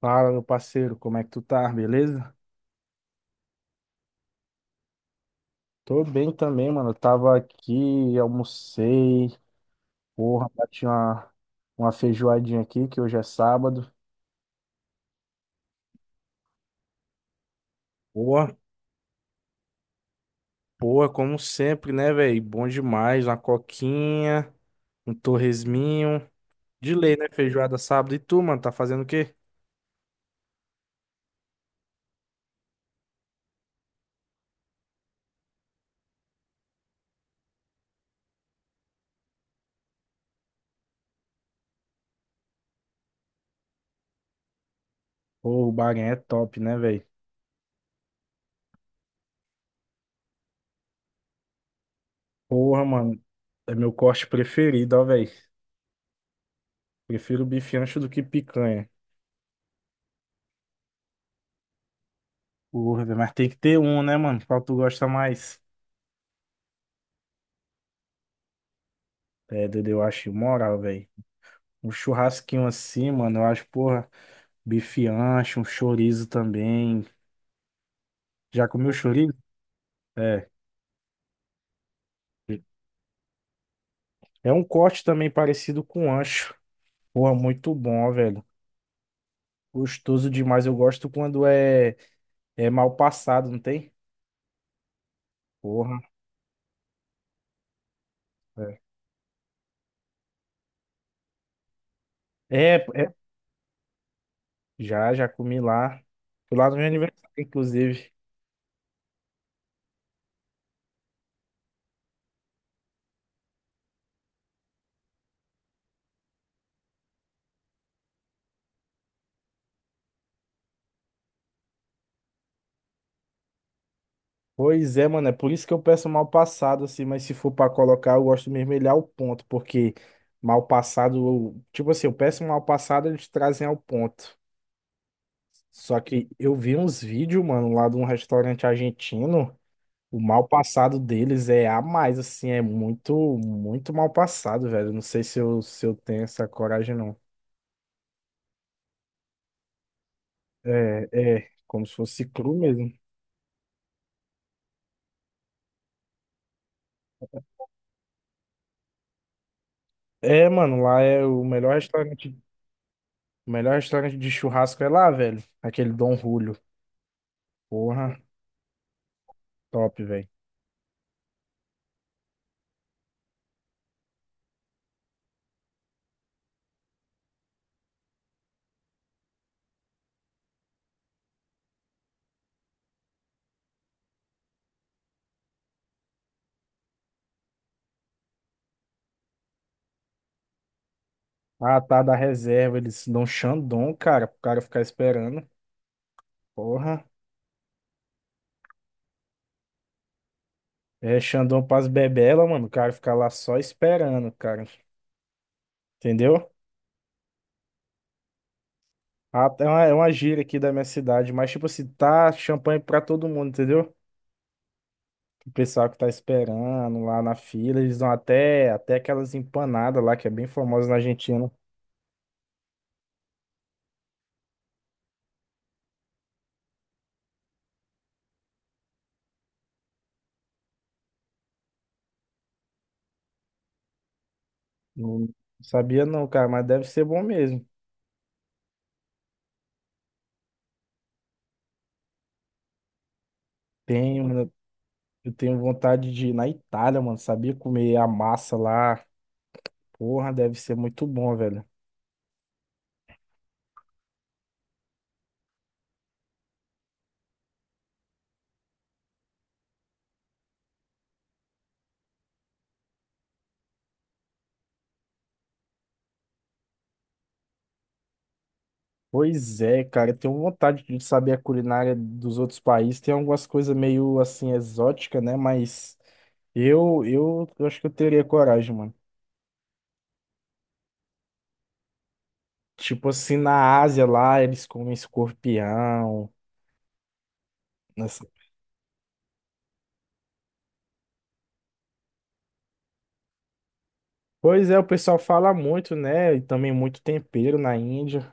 Fala, meu parceiro, como é que tu tá? Beleza? Tô bem também, mano. Eu tava aqui, almocei. Porra, bati uma feijoadinha aqui, que hoje é sábado. Porra, porra, como sempre, né, velho? Bom demais. Uma coquinha, um torresminho. De lei, né? Feijoada sábado. E tu, mano, tá fazendo o quê? Pô, o Bahrein é top, né, velho? Porra, mano, é meu corte preferido, ó, velho. Prefiro bife ancho do que picanha. Porra, velho, mas tem que ter um, né, mano? Qual tu gosta mais? É, Dudu, eu acho moral, velho. Um churrasquinho assim, mano, eu acho, porra, bife ancho, um chorizo também. Já comeu chorizo? É. É um corte também parecido com ancho. Porra, muito bom, velho. Gostoso demais. Eu gosto quando é mal passado, não tem? Porra. É. É, é, já comi lá. Fui lá no meu aniversário, inclusive. Pois é, mano, é por isso que eu peço mal passado, assim, mas se for pra colocar, eu gosto de mermelhar o ponto, porque mal passado, tipo assim, eu peço mal passado, eles trazem ao ponto. Só que eu vi uns vídeos, mano, lá de um restaurante argentino, o mal passado deles é a mais, assim, é muito, muito mal passado, velho. Não sei se eu tenho essa coragem, não. É, como se fosse cru mesmo. É, mano, lá é o melhor restaurante de churrasco é lá, velho, aquele Dom Julio. Porra, top, velho. Ah, tá da reserva. Eles dão Xandão, cara, pro cara ficar esperando. Porra. É Xandão pras bebelas, mano. O cara ficar lá só esperando, cara. Entendeu? Ah, é uma gíria aqui da minha cidade, mas tipo assim, tá champanhe pra todo mundo, entendeu? O pessoal que tá esperando lá na fila, eles dão até aquelas empanadas lá, que é bem famosa na Argentina. Não sabia não, cara, mas deve ser bom mesmo. Tenho, mano, eu tenho vontade de ir na Itália, mano, sabia comer a massa lá. Porra, deve ser muito bom, velho. Pois é, cara, eu tenho vontade de saber a culinária dos outros países. Tem algumas coisas meio assim exótica, né? Mas eu acho que eu teria coragem, mano. Tipo assim, na Ásia lá, eles comem escorpião. nessa- Pois é, o pessoal fala muito, né? E também muito tempero na Índia.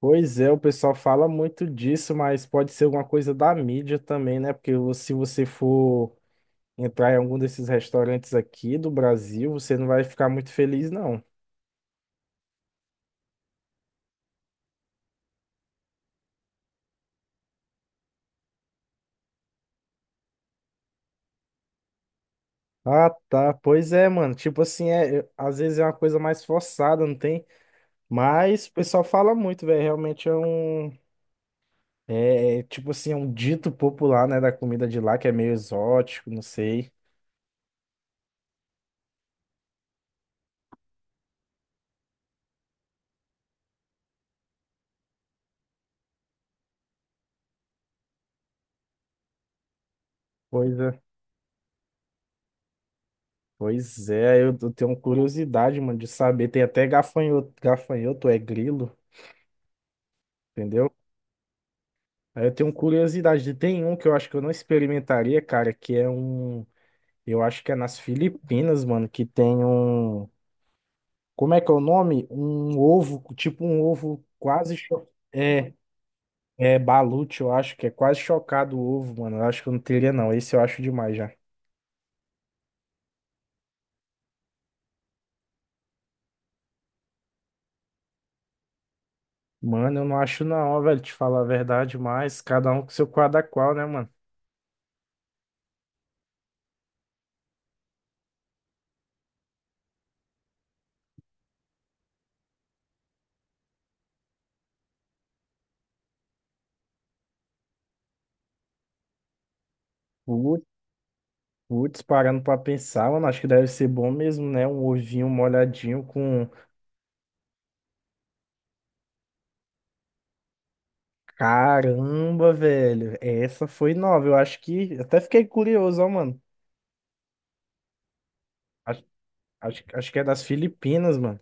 Pois é, o pessoal fala muito disso, mas pode ser alguma coisa da mídia também, né? Porque se você for entrar em algum desses restaurantes aqui do Brasil, você não vai ficar muito feliz, não. Ah, tá. Pois é, mano. Tipo assim, às vezes é uma coisa mais forçada, não tem? Mas o pessoal fala muito, velho. Realmente é um. Tipo assim, é um dito popular, né, da comida de lá, que é meio exótico, não sei. Pois é. Pois é, eu tenho curiosidade, mano, de saber. Tem até gafanhoto, gafanhoto é grilo, entendeu? Aí eu tenho curiosidade. Tem um que eu acho que eu não experimentaria, cara, que é um. Eu acho que é nas Filipinas, mano, que tem um. Como é que é o nome? Um ovo, tipo um ovo quase. É, é balute, eu acho que é quase chocado o ovo, mano. Eu acho que eu não teria, não. Esse eu acho demais já. Mano, eu não acho, não, velho, te falar a verdade, mas cada um com seu quadra qual, né, mano? Putz, putz, parando pra pensar, mano, acho que deve ser bom mesmo, né? Um ovinho molhadinho com. Caramba, velho, essa foi nova. Eu acho que. Até fiquei curioso, ó, mano. Acho que é das Filipinas, mano.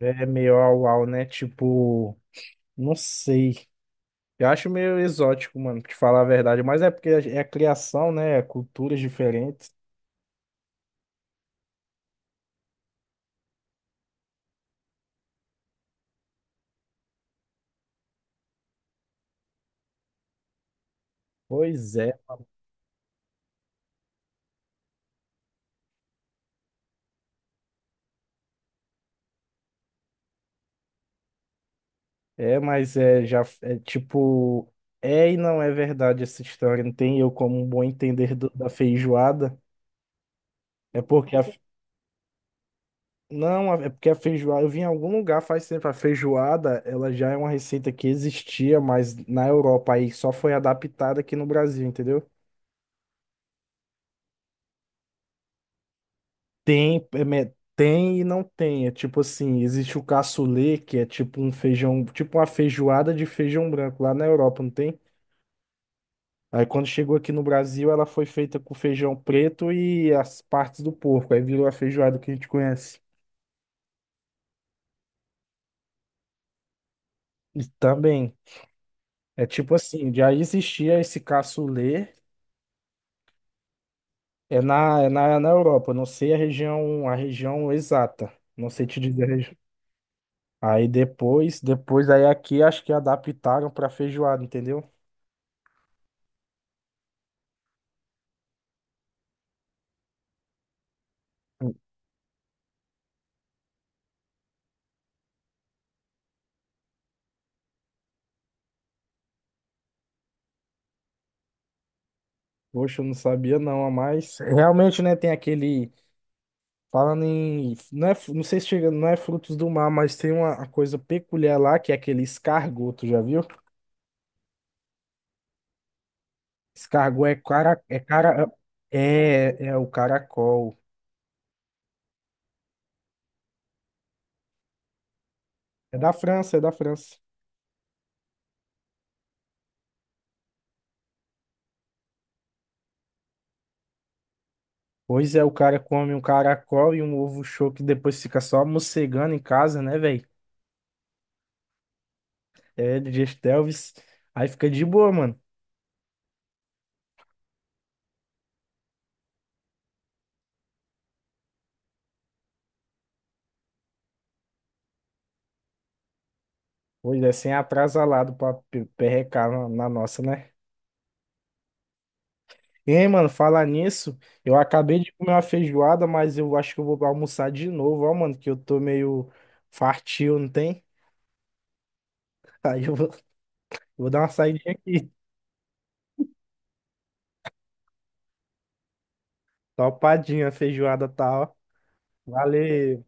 É meio au-au, né? Tipo, não sei. Eu acho meio exótico, mano, pra te falar a verdade. Mas é porque é a criação, né? É Culturas diferentes. Pois é. É, mas é já é tipo. É e não é verdade essa história. Não tem eu como um bom entender da feijoada. É porque a. Não, é porque a feijoada. Eu vi em algum lugar faz tempo. A feijoada, ela já é uma receita que existia, mas na Europa aí só foi adaptada aqui no Brasil, entendeu? Tem, é tem e não tem. É tipo assim, existe o cassoulet, que é tipo um feijão, tipo uma feijoada de feijão branco lá na Europa, não tem? Aí quando chegou aqui no Brasil, ela foi feita com feijão preto e as partes do porco. Aí virou a feijoada que a gente conhece. E também, é tipo assim, já existia esse cassoulet, na Europa, não sei a região exata. Não sei te dizer a região. Aí depois aí aqui acho que adaptaram para feijoada, entendeu? Poxa, eu não sabia não, ah, mas realmente, né, tem aquele, falando em, não é, não sei se chega, não é frutos do mar, mas tem uma coisa peculiar lá, que é aquele escargot, tu já viu? Escargot, é o caracol, é da França. Pois é, o cara come um caracol e um ovo choque, depois fica só mocegando em casa, né, velho? É, de Gestelvis, aí fica de boa, mano. Pois é, sem atrasalado pra perrecar na nossa, né? Ei, mano, falar nisso, eu acabei de comer uma feijoada, mas eu acho que eu vou almoçar de novo, ó, mano, que eu tô meio fartio, não tem? Aí eu vou, vou dar uma saidinha aqui. Topadinha, a feijoada tá, ó. Valeu.